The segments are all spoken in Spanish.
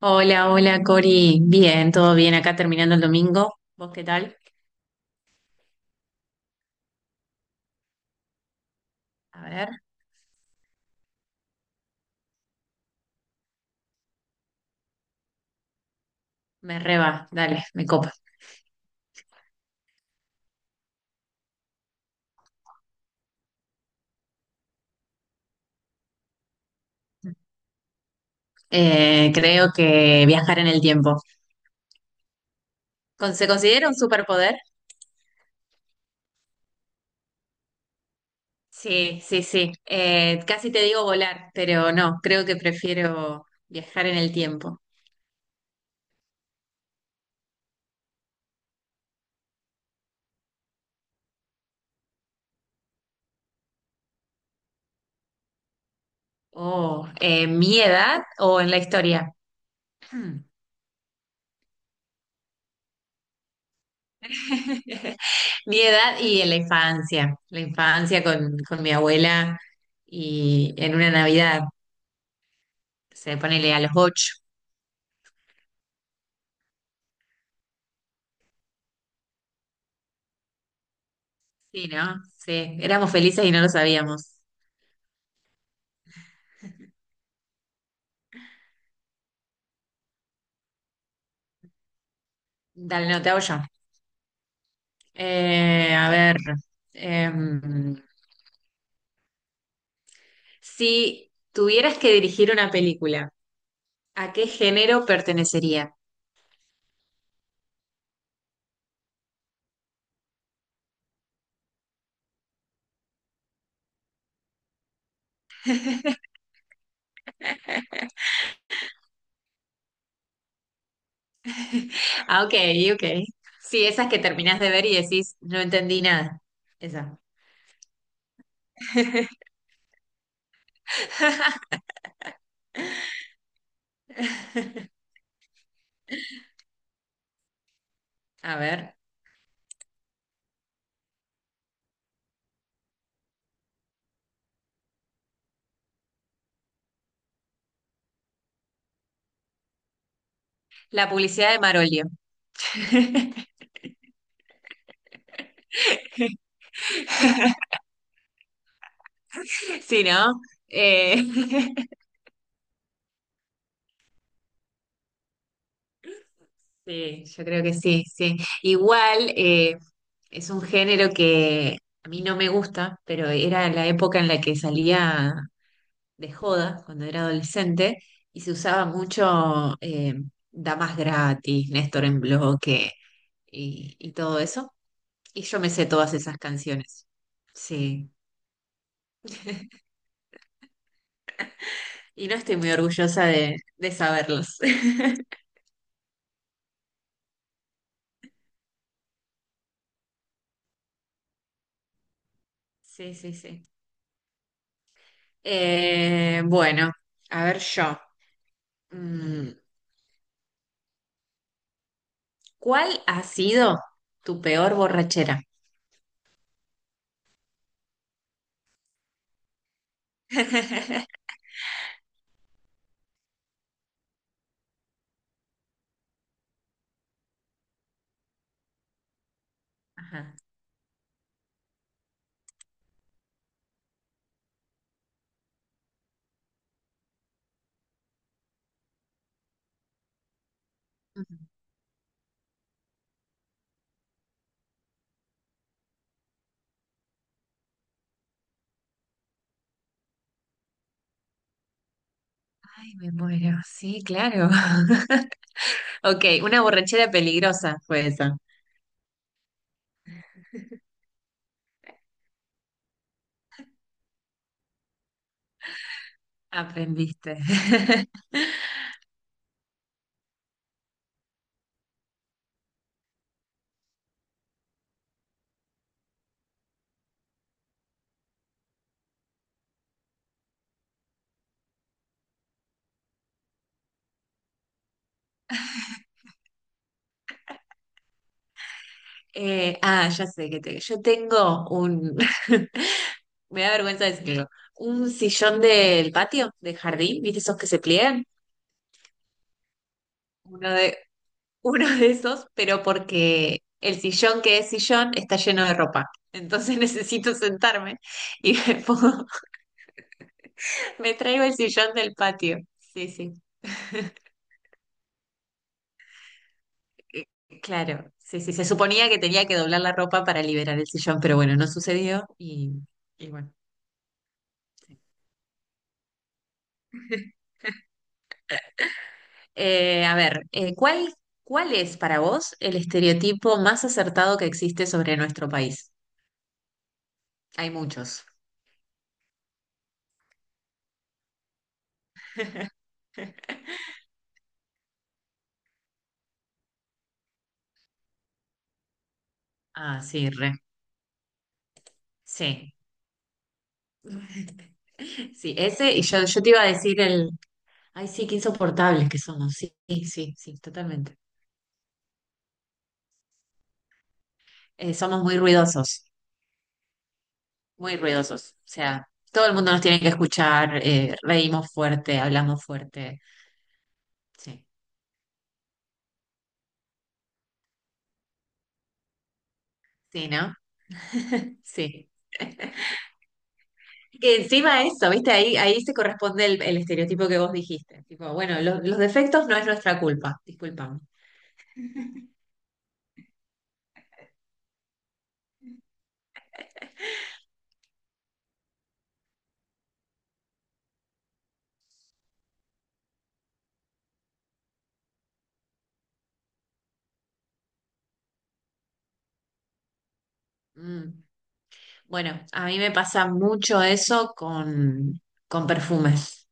Hola, hola Cori. Bien, todo bien. Acá terminando el domingo. ¿Vos qué tal? A ver, me reba. Dale, me copa. Creo que viajar en el tiempo. ¿Se considera un superpoder? Sí, sí, sí. Casi te digo volar, pero no, creo que prefiero viajar en el tiempo. Oh, ¿mi edad o en la historia? Hmm. Mi edad y en la infancia con mi abuela y en una Navidad. Se ponele a los 8. Sí, ¿no? Sí, éramos felices y no lo sabíamos. Dale, no, te hago yo. A ver, em, si tuvieras que dirigir una película, ¿a qué género pertenecería? Ah, ok, ok. Sí, esas que terminás de ver y decís, no entendí nada. Esa. A ver, la publicidad de Marolio. Sí, ¿no? Eh, sí, yo creo que sí, sí. Igual es un género que a mí no me gusta, pero era la época en la que salía de joda cuando era adolescente y se usaba mucho Damas Gratis, Néstor en Bloque y todo eso. Y yo me sé todas esas canciones. Sí. Y no estoy muy orgullosa de saberlos. Sí, sí, sí. Bueno, a ver yo. Mm. ¿Cuál ha sido tu peor borrachera? Ajá. Ujú. Ay, me muero. Sí, claro. Ok, una borrachera peligrosa fue esa. Aprendiste. Ya sé que yo tengo un, me da vergüenza decirlo, un sillón del patio, del jardín, ¿viste esos que se pliegan? Uno de, uno de esos, pero porque el sillón que es sillón está lleno de ropa. Entonces necesito sentarme y me traigo el sillón del patio. Sí, sí. Eh, Claro, sí, sí. Se suponía que tenía que doblar la ropa para liberar el sillón, pero bueno, no sucedió y bueno. Sí. A ver, ¿cuál es para vos el estereotipo más acertado que existe sobre nuestro país? Hay muchos. Ah, sí, re. Sí. Sí, ese, yo te iba a decir ay sí, qué insoportables que somos, sí, sí, sí, totalmente. Somos muy ruidosos, o sea, todo el mundo nos tiene que escuchar, reímos fuerte, hablamos fuerte, sí, sí, ¿no? Sí. Que encima eso, ¿viste? Ahí se corresponde el estereotipo que vos dijiste, tipo, bueno, los defectos no es nuestra culpa, disculpame. Mm. Bueno, a mí me pasa mucho eso con perfumes.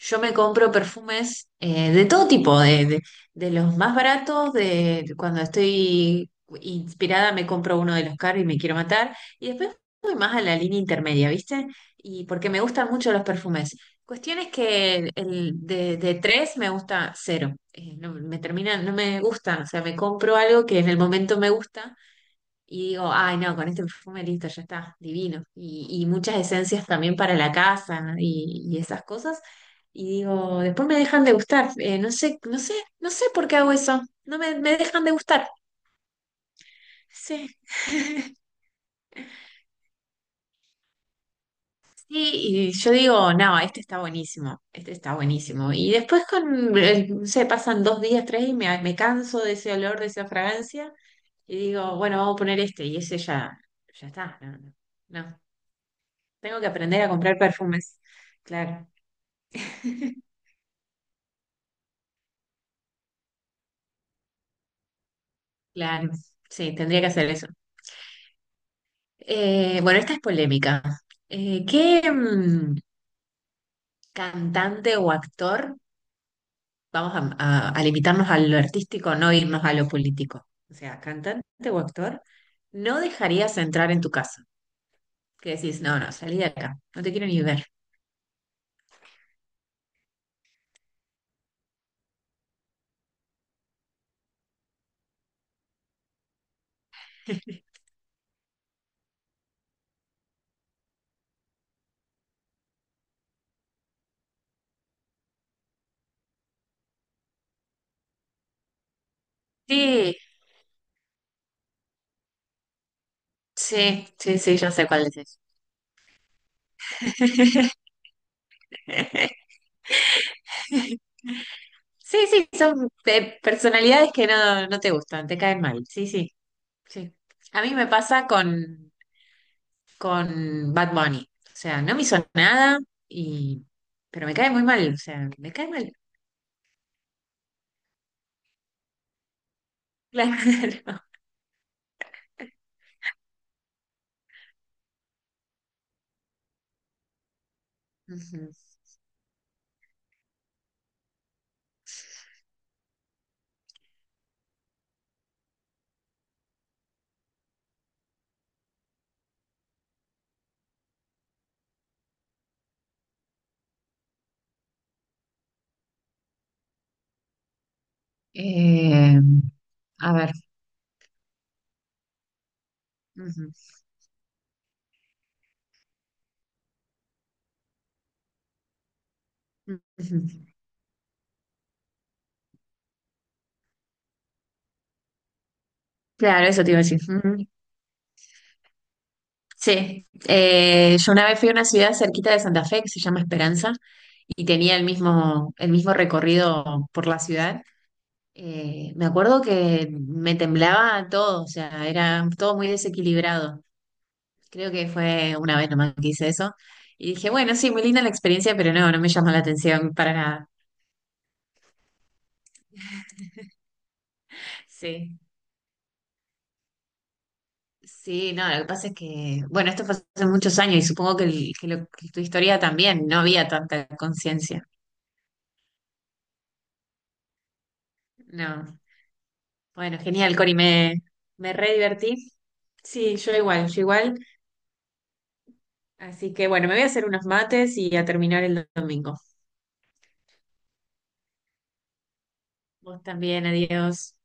Yo me compro perfumes de todo tipo, de los más baratos, de cuando estoy inspirada me compro uno de los caros y me quiero matar, y después voy más a la línea intermedia, ¿viste? Y porque me gustan mucho los perfumes. Cuestión es que el de tres me gusta cero. No, me termina, no me gusta, o sea, me compro algo que en el momento me gusta y digo, ay, no, con este perfume listo, ya está, divino. Y muchas esencias también para la casa, ¿no? Y esas cosas. Y digo, después me dejan de gustar. No sé, no sé, no sé por qué hago eso. No me, me dejan de gustar. Sí. Sí, y yo digo, no, este está buenísimo, este está buenísimo. Y después con, no sé, pasan 2 días, tres y me canso de ese olor, de esa fragancia. Y digo, bueno, vamos a poner este. Y ese ya, ya está. No, no, no. Tengo que aprender a comprar perfumes. Claro, claro. Sí, tendría que hacer eso. Bueno, esta es polémica. ¿Qué cantante o actor, vamos a, a limitarnos a lo artístico, no irnos a lo político? O sea, cantante o actor, no dejarías entrar en tu casa. Que decís, no, no, salí de acá, no te quiero ni ver. Sí, sí, sí, sí, yo sé cuál es. Ese. Sí, sí, son personalidades que no, no te gustan, te caen mal. Sí, sí. Sí. A mí me pasa con Bad Bunny. O sea, no me hizo nada, y, pero me cae muy mal. O sea, me cae mal. Claro. Ujú. Eh, a ver, ujú, ujú. Claro, eso te iba a decir. Ujú. Sí. Yo una vez fui a una ciudad cerquita de Santa Fe que se llama Esperanza y tenía el mismo recorrido por la ciudad. Me acuerdo que me temblaba todo, o sea, era todo muy desequilibrado. Creo que fue una vez nomás que hice eso. Y dije, bueno, sí, muy linda la experiencia, pero no, no me llamó la atención para nada. Sí, sí, no, lo que pasa es que, bueno, esto fue hace muchos años y supongo que, que tu historia también, no había tanta conciencia. No, bueno, genial, Cori, me re divertí. Sí, yo igual, yo igual. Así que bueno, me voy a hacer unos mates y a terminar el domingo. Vos también, adiós.